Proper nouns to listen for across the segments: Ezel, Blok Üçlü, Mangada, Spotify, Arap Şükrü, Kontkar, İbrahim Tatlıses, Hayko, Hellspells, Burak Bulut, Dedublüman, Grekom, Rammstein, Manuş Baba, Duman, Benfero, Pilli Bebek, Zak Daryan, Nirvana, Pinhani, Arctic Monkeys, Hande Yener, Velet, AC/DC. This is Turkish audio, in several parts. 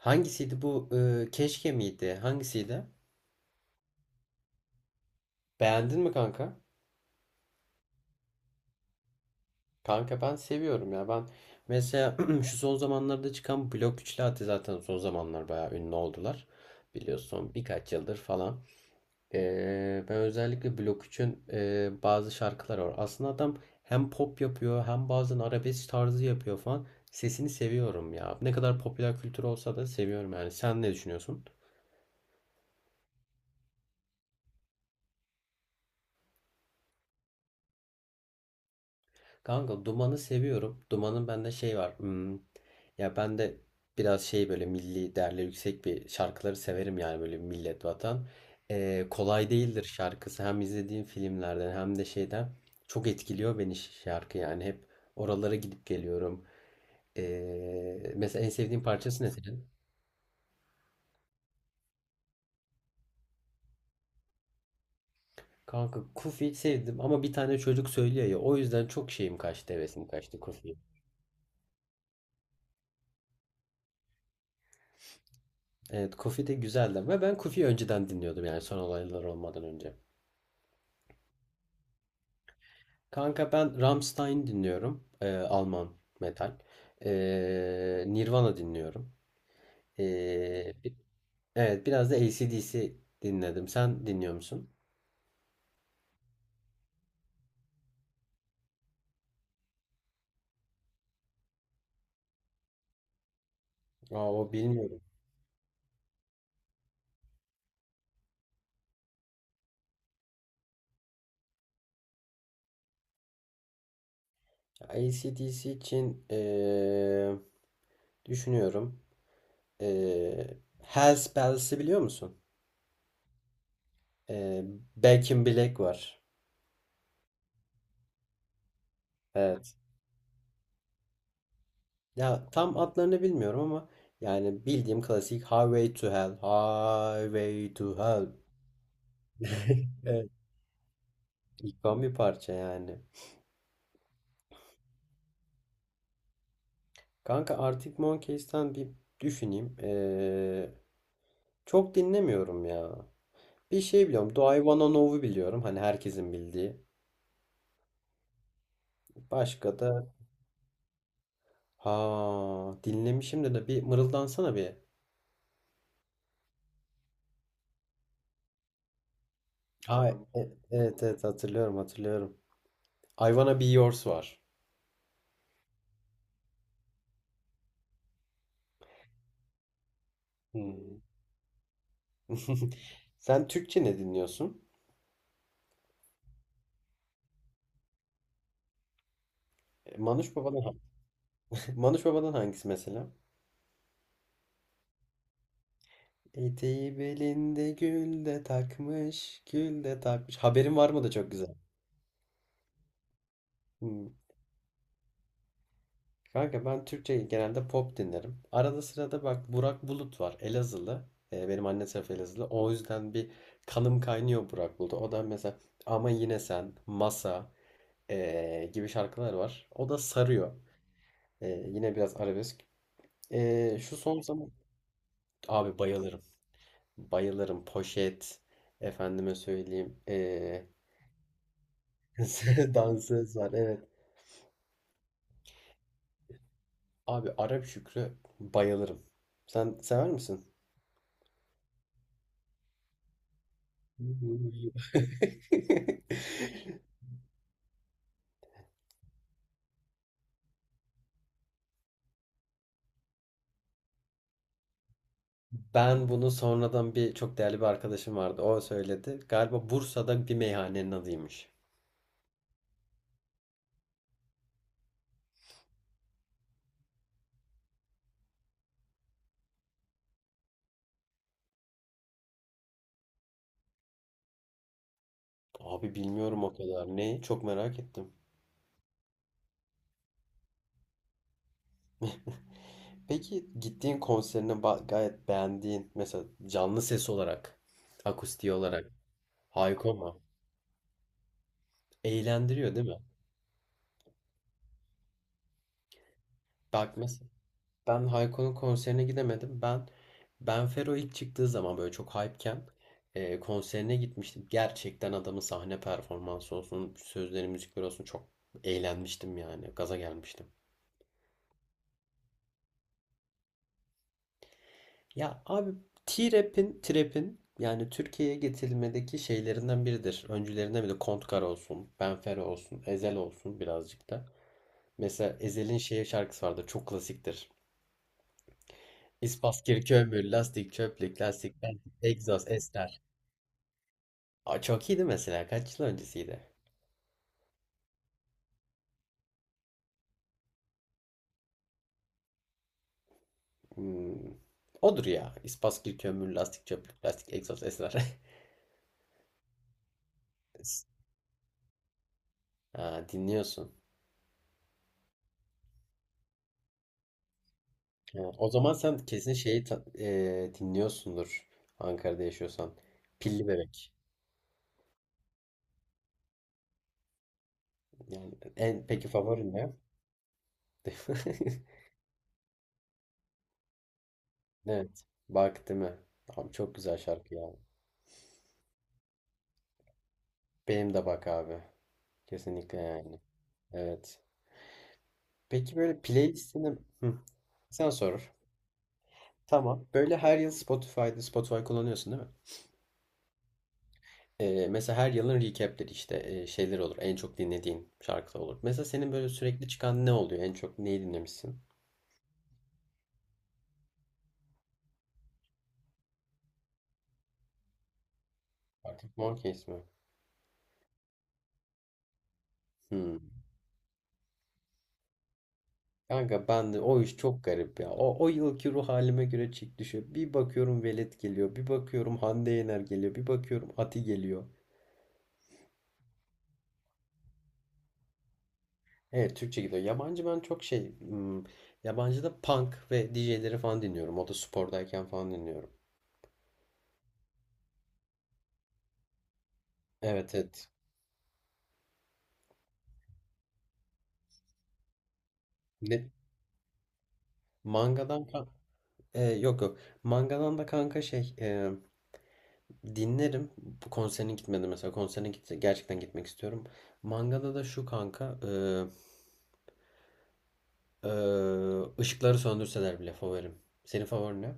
Hangisiydi bu? Keşke miydi? Hangisiydi? Beğendin mi kanka? Kanka ben seviyorum ya. Ben mesela şu son zamanlarda çıkan Blok Üçlü Ati zaten son zamanlar bayağı ünlü oldular. Biliyorsun birkaç yıldır falan. Ben özellikle Blok 3'ün bazı şarkıları var. Aslında adam hem pop yapıyor hem bazen arabesk tarzı yapıyor falan. Sesini seviyorum ya. Ne kadar popüler kültür olsa da seviyorum yani. Sen ne düşünüyorsun? Kanka Duman'ı seviyorum. Duman'ın bende şey var. Ya ben de biraz şey böyle milli değerleri yüksek bir şarkıları severim yani böyle millet vatan. Kolay değildir şarkısı. Hem izlediğim filmlerden hem de şeyden çok etkiliyor beni şarkı yani. Hep oralara gidip geliyorum. Mesela en sevdiğin parçası ne senin? Kanka Kufi'yi sevdim ama bir tane çocuk söylüyor ya o yüzden çok şeyim kaçtı hevesim kaçtı Kufi'ye. Evet Kufi de güzeldi ve ben Kufi'yi önceden dinliyordum yani son olaylar olmadan önce. Kanka ben Rammstein dinliyorum. Alman metal. Nirvana dinliyorum. Ee, bi- evet biraz da AC/DC dinledim. Sen dinliyor musun? Aa, o bilmiyorum. AC/DC için düşünüyorum. Hellspells'i biliyor musun? Ee, Back in Black var. Evet. Ya tam adlarını bilmiyorum ama yani bildiğim klasik Highway to Hell. Highway to Hell. Evet. İkon bir parça yani. Kanka Arctic Monkeys'ten bir düşüneyim. Çok dinlemiyorum ya. Bir şey biliyorum. Do I Wanna Know'u biliyorum. Hani herkesin bildiği. Başka da ha dinlemişim de bir mırıldansana bir. Ha, evet evet hatırlıyorum hatırlıyorum. I Wanna Be Yours var. Hmm. Sen Türkçe ne dinliyorsun? E, Manuş Baba'dan Manuş Baba'dan hangisi mesela? Eteği belinde gül de takmış, gül de takmış. Haberin var mı da çok güzel. Hmm. Kanka ben Türkçe genelde pop dinlerim. Arada sırada bak Burak Bulut var. Elazığlı. Benim anne tarafı Elazığlı. O yüzden bir kanım kaynıyor Burak Bulut'a. O da mesela Ama Yine Sen, Masa gibi şarkılar var. O da sarıyor. Yine biraz arabesk. Şu son zaman... Abi bayılırım. Bayılırım. Poşet. Efendime söyleyeyim. Dansöz var. Evet. Abi Arap Şükrü bayılırım. Sen sever misin? Ben bunu sonradan bir çok değerli bir arkadaşım vardı. O söyledi. Galiba Bursa'da bir meyhanenin adıymış. Abi bilmiyorum o kadar. Ne? Çok merak ettim. Peki gittiğin konserini gayet beğendiğin mesela canlı ses olarak, akustiği olarak Hayko mu? Eğlendiriyor değil mi? Bak mes- Ben Hayko'nun konserine gidemedim. Ben Benfero ilk çıktığı zaman böyle çok hype'ken konserine gitmiştim. Gerçekten adamın sahne performansı olsun, sözleri, müzikleri olsun çok eğlenmiştim yani. Gaza gelmiştim. Ya abi Trap'in yani Türkiye'ye getirilmedeki şeylerinden biridir. Öncülerinden biri Kontkar olsun, Benfero olsun, Ezel olsun birazcık da. Mesela Ezel'in şeye şarkısı vardır, çok klasiktir. İspas, kirkömür, lastik, çöplük, lastik, lastik, egzoz, ester. Aa, çok iyiydi mesela. Kaç yıl öncesiydi? Hmm. Odur ya. İspaskil, kömür, lastik, çöplük, plastik, egzoz, esrar. Ha, dinliyorsun. Ha, o zaman sen kesin dinliyorsundur Ankara'da yaşıyorsan. Pilli Bebek. Yani en peki favorin ne? Evet. Bak değil mi? Abi çok güzel şarkı ya. Benim de bak abi. Kesinlikle yani. Evet. Peki böyle playlistini... Hı. Sen sor. Tamam. Böyle her yıl Spotify kullanıyorsun değil mi? Mesela her yılın recap'leri işte şeyler olur. En çok dinlediğin şarkılar olur. Mesela senin böyle sürekli çıkan ne oluyor? En çok neyi dinlemişsin? Artık Monkeys mi? Hmm. Kanka ben de o iş çok garip ya. O yılki ruh halime göre çık düşüyor. Bir bakıyorum Velet geliyor. Bir bakıyorum Hande Yener geliyor. Bir bakıyorum Ati geliyor. Evet Türkçe gidiyor. Yabancı ben çok şey... Yabancı da punk ve DJ'leri falan dinliyorum. O da spordayken falan dinliyorum. Evet evet. Ne, Mangadan yok yok. Mangadan da kanka dinlerim. Bu konserine gitmedi mesela. Konserine gitti. Gerçekten gitmek istiyorum. Mangada da şu kanka e, e, ışıkları söndürseler bile favorim. Senin favorin ne?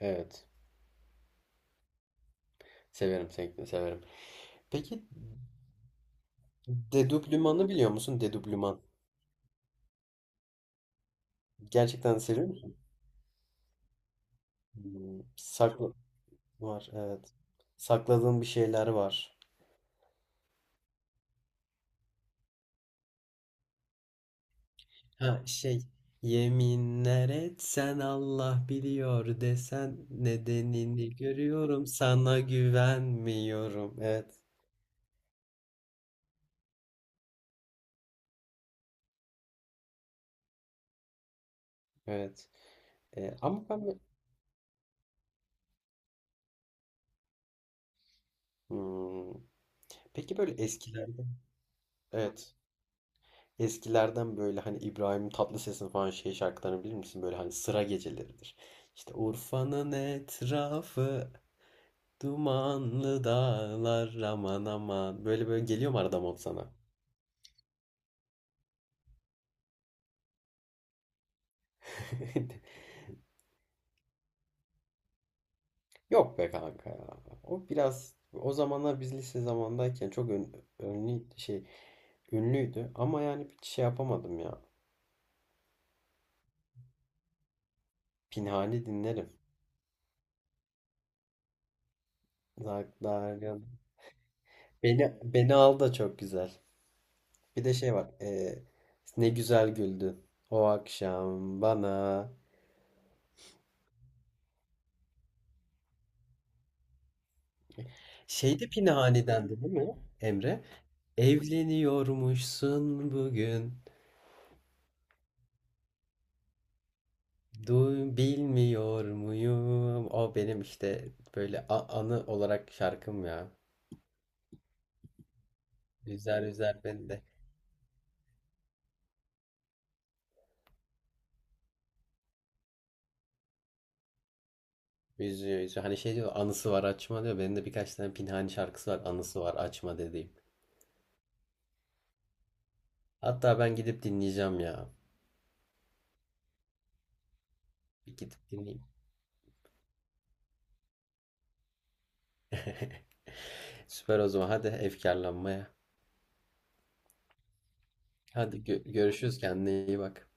Evet. Severim sevgilim severim. Peki Dedublüman'ı biliyor musun? Dedublüman. Gerçekten seviyor musun? Hmm, Sakla var evet. Sakladığın bir şeyler var. Ha şey yeminler etsen Allah biliyor desen nedenini görüyorum sana güvenmiyorum. Evet evet Ee, ama ben bö- Hmm. Peki böyle eskilerden evet eskilerden böyle hani İbrahim Tatlıses'in falan şey şarkılarını bilir misin? Böyle hani sıra geceleridir. İşte Urfa'nın etrafı dumanlı dağlar aman aman böyle böyle geliyor mu arada mod sana? Yok be kanka ya. O biraz o zamanlar biz lise zamandayken çok önlü şey ünlüydü ama yani bir şey yapamadım ya. Pinhani dinlerim. Zak Daryan. Beni beni al da çok güzel. Bir de şey var. Ne güzel güldün o akşam bana. Şey de Pinhani'dendi değil mi Emre? Evleniyormuşsun bugün. Duy, bilmiyor muyum? O benim işte böyle anı olarak şarkım ya. Üzer üzer beni de. Üzüyor üzüyor. Hani şey diyor anısı var açma diyor. Benim de birkaç tane Pinhani şarkısı var anısı var açma dediğim. Hatta ben gidip dinleyeceğim ya. Bir gidip dinleyeyim. Süper o zaman hadi efkarlanmaya. Hadi görüşürüz kendine iyi bak.